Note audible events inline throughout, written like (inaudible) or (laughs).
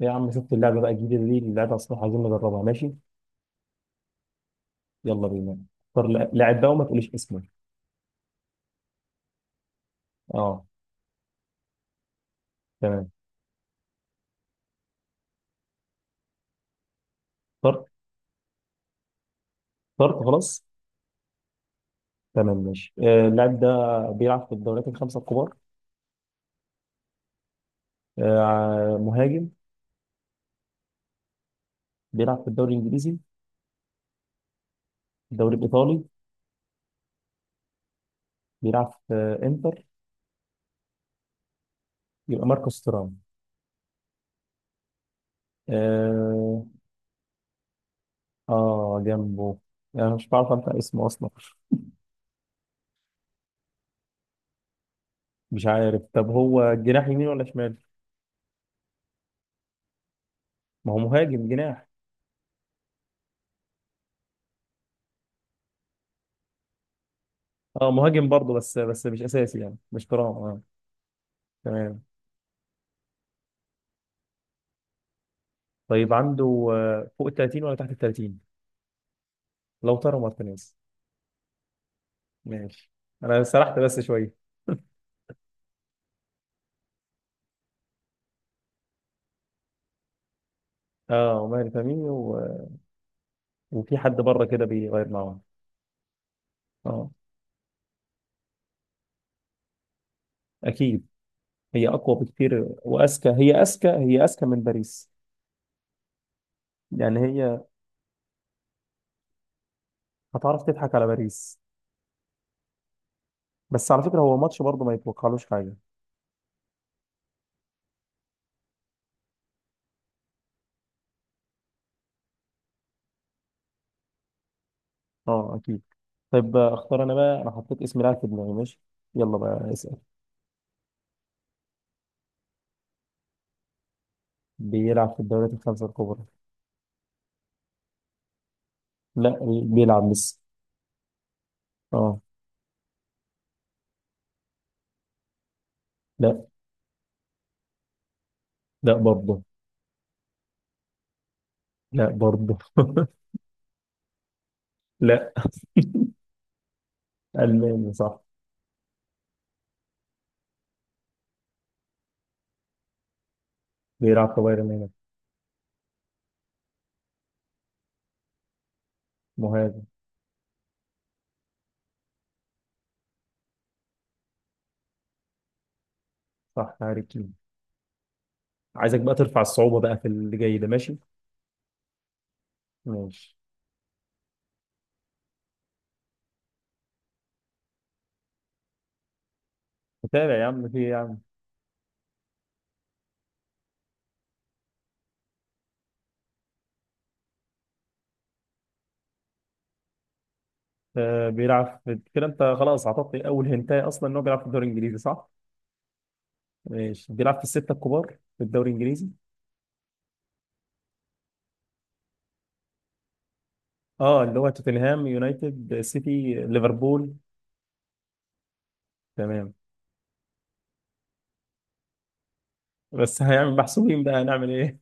يا عم، شفت اللعبه بقى الجديده دي اللي لعبها؟ الصراحه عايزين نجربها. ماشي، يلا بينا. اختار لاعب بقى وما تقوليش اسمه. اه. تمام. اخترت، اخترت خلاص. تمام ماشي. اللاعب ده بيلعب في الدوريات الخمسه الكبار. مهاجم. بيلعب في الدوري الانجليزي؟ الدوري الايطالي. بيلعب في انتر. يبقى ماركوس تورام. اه. جنبه. انا مش بعرف انت اسمه اصلا. مش عارف. طب هو جناح يمين ولا شمال؟ ما هو مهاجم جناح. اه مهاجم برضه، بس مش اساسي، يعني مش ترام. اه تمام. طيب عنده فوق ال 30 ولا تحت ال 30؟ لوتارو مارتينيز. ماشي. انا سرحت بس شويه. اه، وماري فامينيو وفي حد بره كده بيغير معاهم. اه اكيد. هي اقوى بكتير واذكى، هي اذكى، هي اذكى من باريس. يعني هي هتعرف تضحك على باريس. بس على فكره هو ماتش برضه ما يتوقعلوش حاجه. اه اكيد. طيب اختار انا بقى، انا حطيت اسم لاعب في دماغي. ماشي، يلا بقى اسال. بيلعب في الدوريات الخمسه الكبرى. لا، بيلعب لسه. اه. لا. لا برضه. لا برضه. (laughs) لا. الماني صح. بيلعب في بايرن ميونخ. مهاجم صح. هاري كين. عايزك بقى ترفع الصعوبة بقى في اللي جاي ده. ماشي. ماشي. متابع يا عم، في إيه يا عم. بيلعب في كده، انت خلاص اعطيتني اول هنتايه اصلا، ان هو بيلعب في الدوري الانجليزي صح. ماشي. بيلعب في الستة الكبار في الدوري الانجليزي. اه، اللي هو توتنهام، يونايتد، سيتي، ليفربول. تمام. بس هيعمل محسوبين، بقى هنعمل ايه.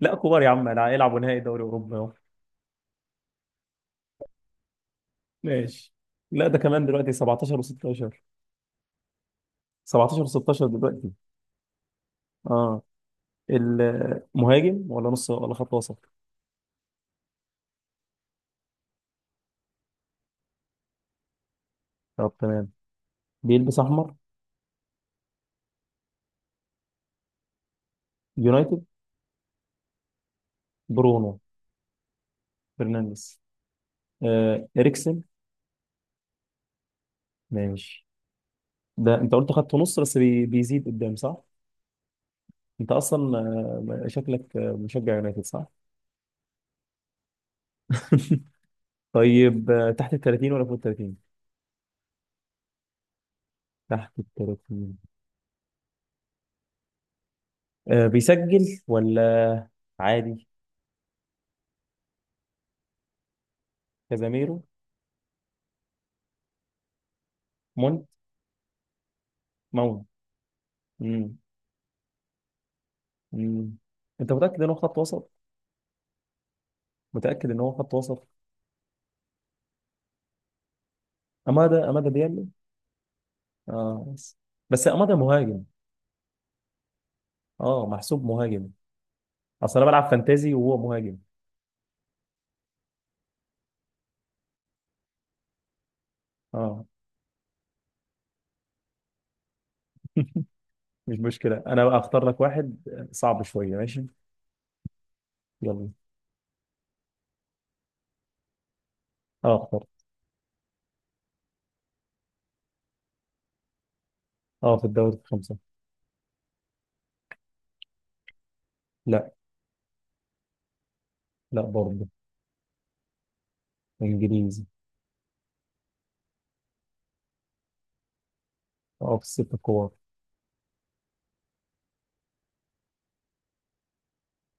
لا كبار يا عم، انا هيلعبوا نهائي دوري اوروبا اهو. ماشي. لا، ده كمان دلوقتي 17 و16. 17 16 دلوقتي. اه. المهاجم ولا نص ولا خط وسط؟ طب تمام. بيلبس احمر. يونايتد. برونو. فرنانديز. آه، اريكسن. ماشي. ده انت قلت خط نص، بيزيد قدام صح. انت اصلا شكلك مشجع يونايتد صح. (laughs) طيب تحت ال 30 ولا فوق ال 30؟ تحت ال 30. آه بيسجل ولا عادي؟ كازاميرو. مونت. ماونت. مم. مم. انت متأكد ان هو خط وسط؟ متأكد ان هو خط وسط؟ امادا، امادا ديالو. اه بس. بس امادا مهاجم. اه محسوب مهاجم. اصل انا بلعب فانتازي وهو مهاجم. اه مش مشكله، انا بقى اختار لك واحد صعب شويه. ماشي. يلا. اه اختار. اه، في الدوري في خمسه. لا. لا برضه. انجليزي. اه، في الست الكبار.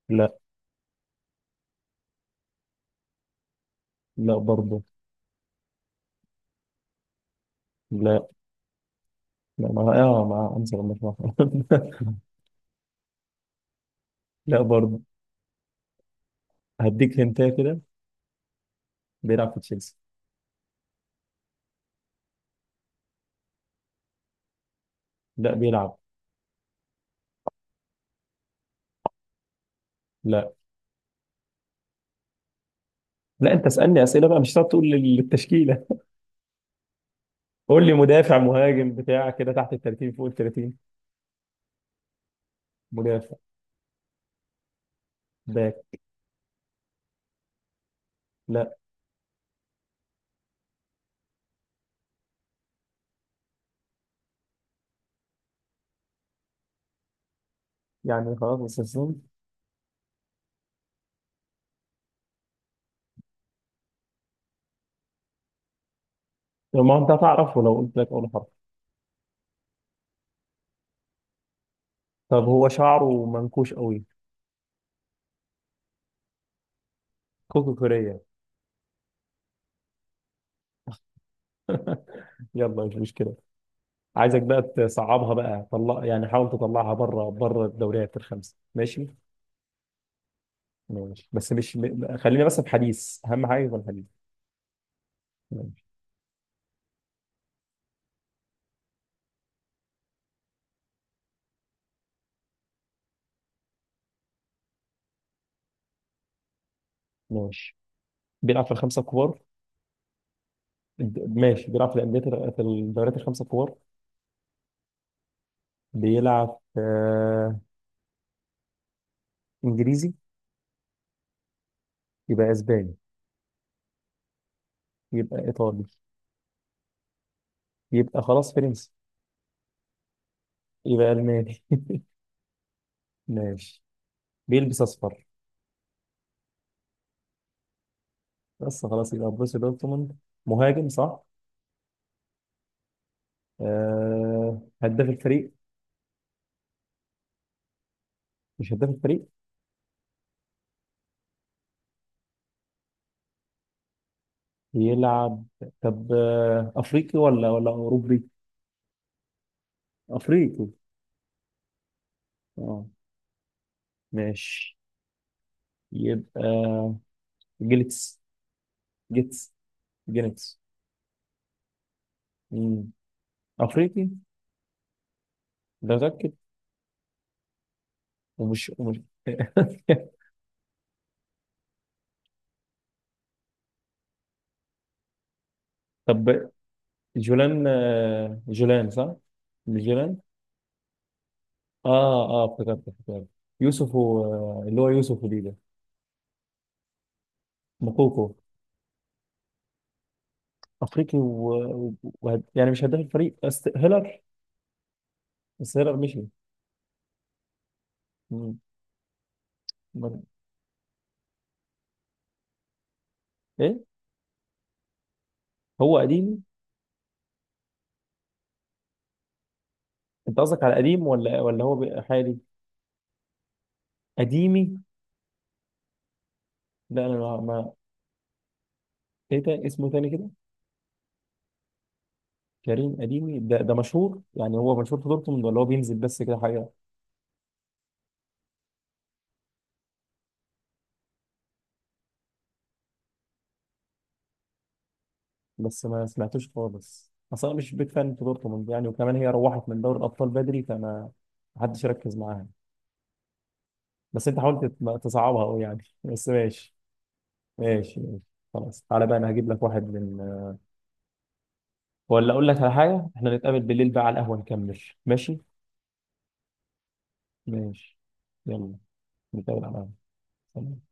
لا. لا برضه. لا. لا مع، اه مع، انسى لما (laughs) أسمعها. لا برضه. هديك هنتايه كده. بيلعب في تشيلسي. لا، بيلعب. لا. لا انت اسالني اسئله بقى، مش هتقعد تقول التشكيله. قول لي مدافع، مهاجم، بتاع كده، تحت ال 30 فوق ال 30. مدافع. باك. لا، يعني خلاص بس السن. ما انت هتعرفه لو قلت لك اول حرف. طب هو شعره منكوش قوي. كوكو كوريا. (laughs) يلا مش مشكله. عايزك بقى تصعبها بقى، طلع يعني، حاول تطلعها بره بره الدوريات الخمسه. ماشي. ماشي بس مش خلينا بس في حديث، اهم حاجه يكون حديث. ماشي. ماشي. بيلعب في الخمسه الكبار. ماشي، بيلعب في الانديه، في الدوريات الخمسه الكبار. بيلعب في انجليزي. يبقى اسباني. يبقى ايطالي. يبقى خلاص فرنسي. يبقى الماني. (laughs) ماشي. بيلبس اصفر. بس خلاص يبقى بروسيا دورتموند. مهاجم صح. هداف الفريق. مش هداف الفريق. يلعب. طب افريقي ولا ولا اوروبي؟ افريقي. اه. ماشي. يبقى جيلتس، جيتس، جينيتس. مم. افريقي ده متاكد؟ ومش (laughs) طب جولان، جولان صح؟ مش جولان. اه. اه افتكرت، افتكرت. يوسف اللي هو يوسف ودي ده. مكوكو. افريقي يعني مش هداف الفريق. هيلر. بس هيلر مشي. مم. مر- ايه. هو قديمي. انت قصدك على قديم ولا ولا هو بقى حالي؟ قديمي. لا انا ايه ده اسمه تاني كده. كريم قديمي ده مشهور يعني؟ هو مشهور في دورتموند ولا هو بينزل بس كده حاجه؟ بس ما سمعتوش خالص اصلا، مش بيك فان في دورتموند يعني، وكمان هي روحت من دوري الابطال بدري، فما محدش ركز معاها. بس انت حاولت تصعبها قوي يعني (laughs) بس ماشي. ماشي ماشي. خلاص تعالى بقى، انا هجيب لك واحد من، ولا اقول لك على حاجه، احنا نتقابل بالليل بقى على القهوه نكمل. ماشي. ماشي. يلا. نتقابل على القهوه. سلام.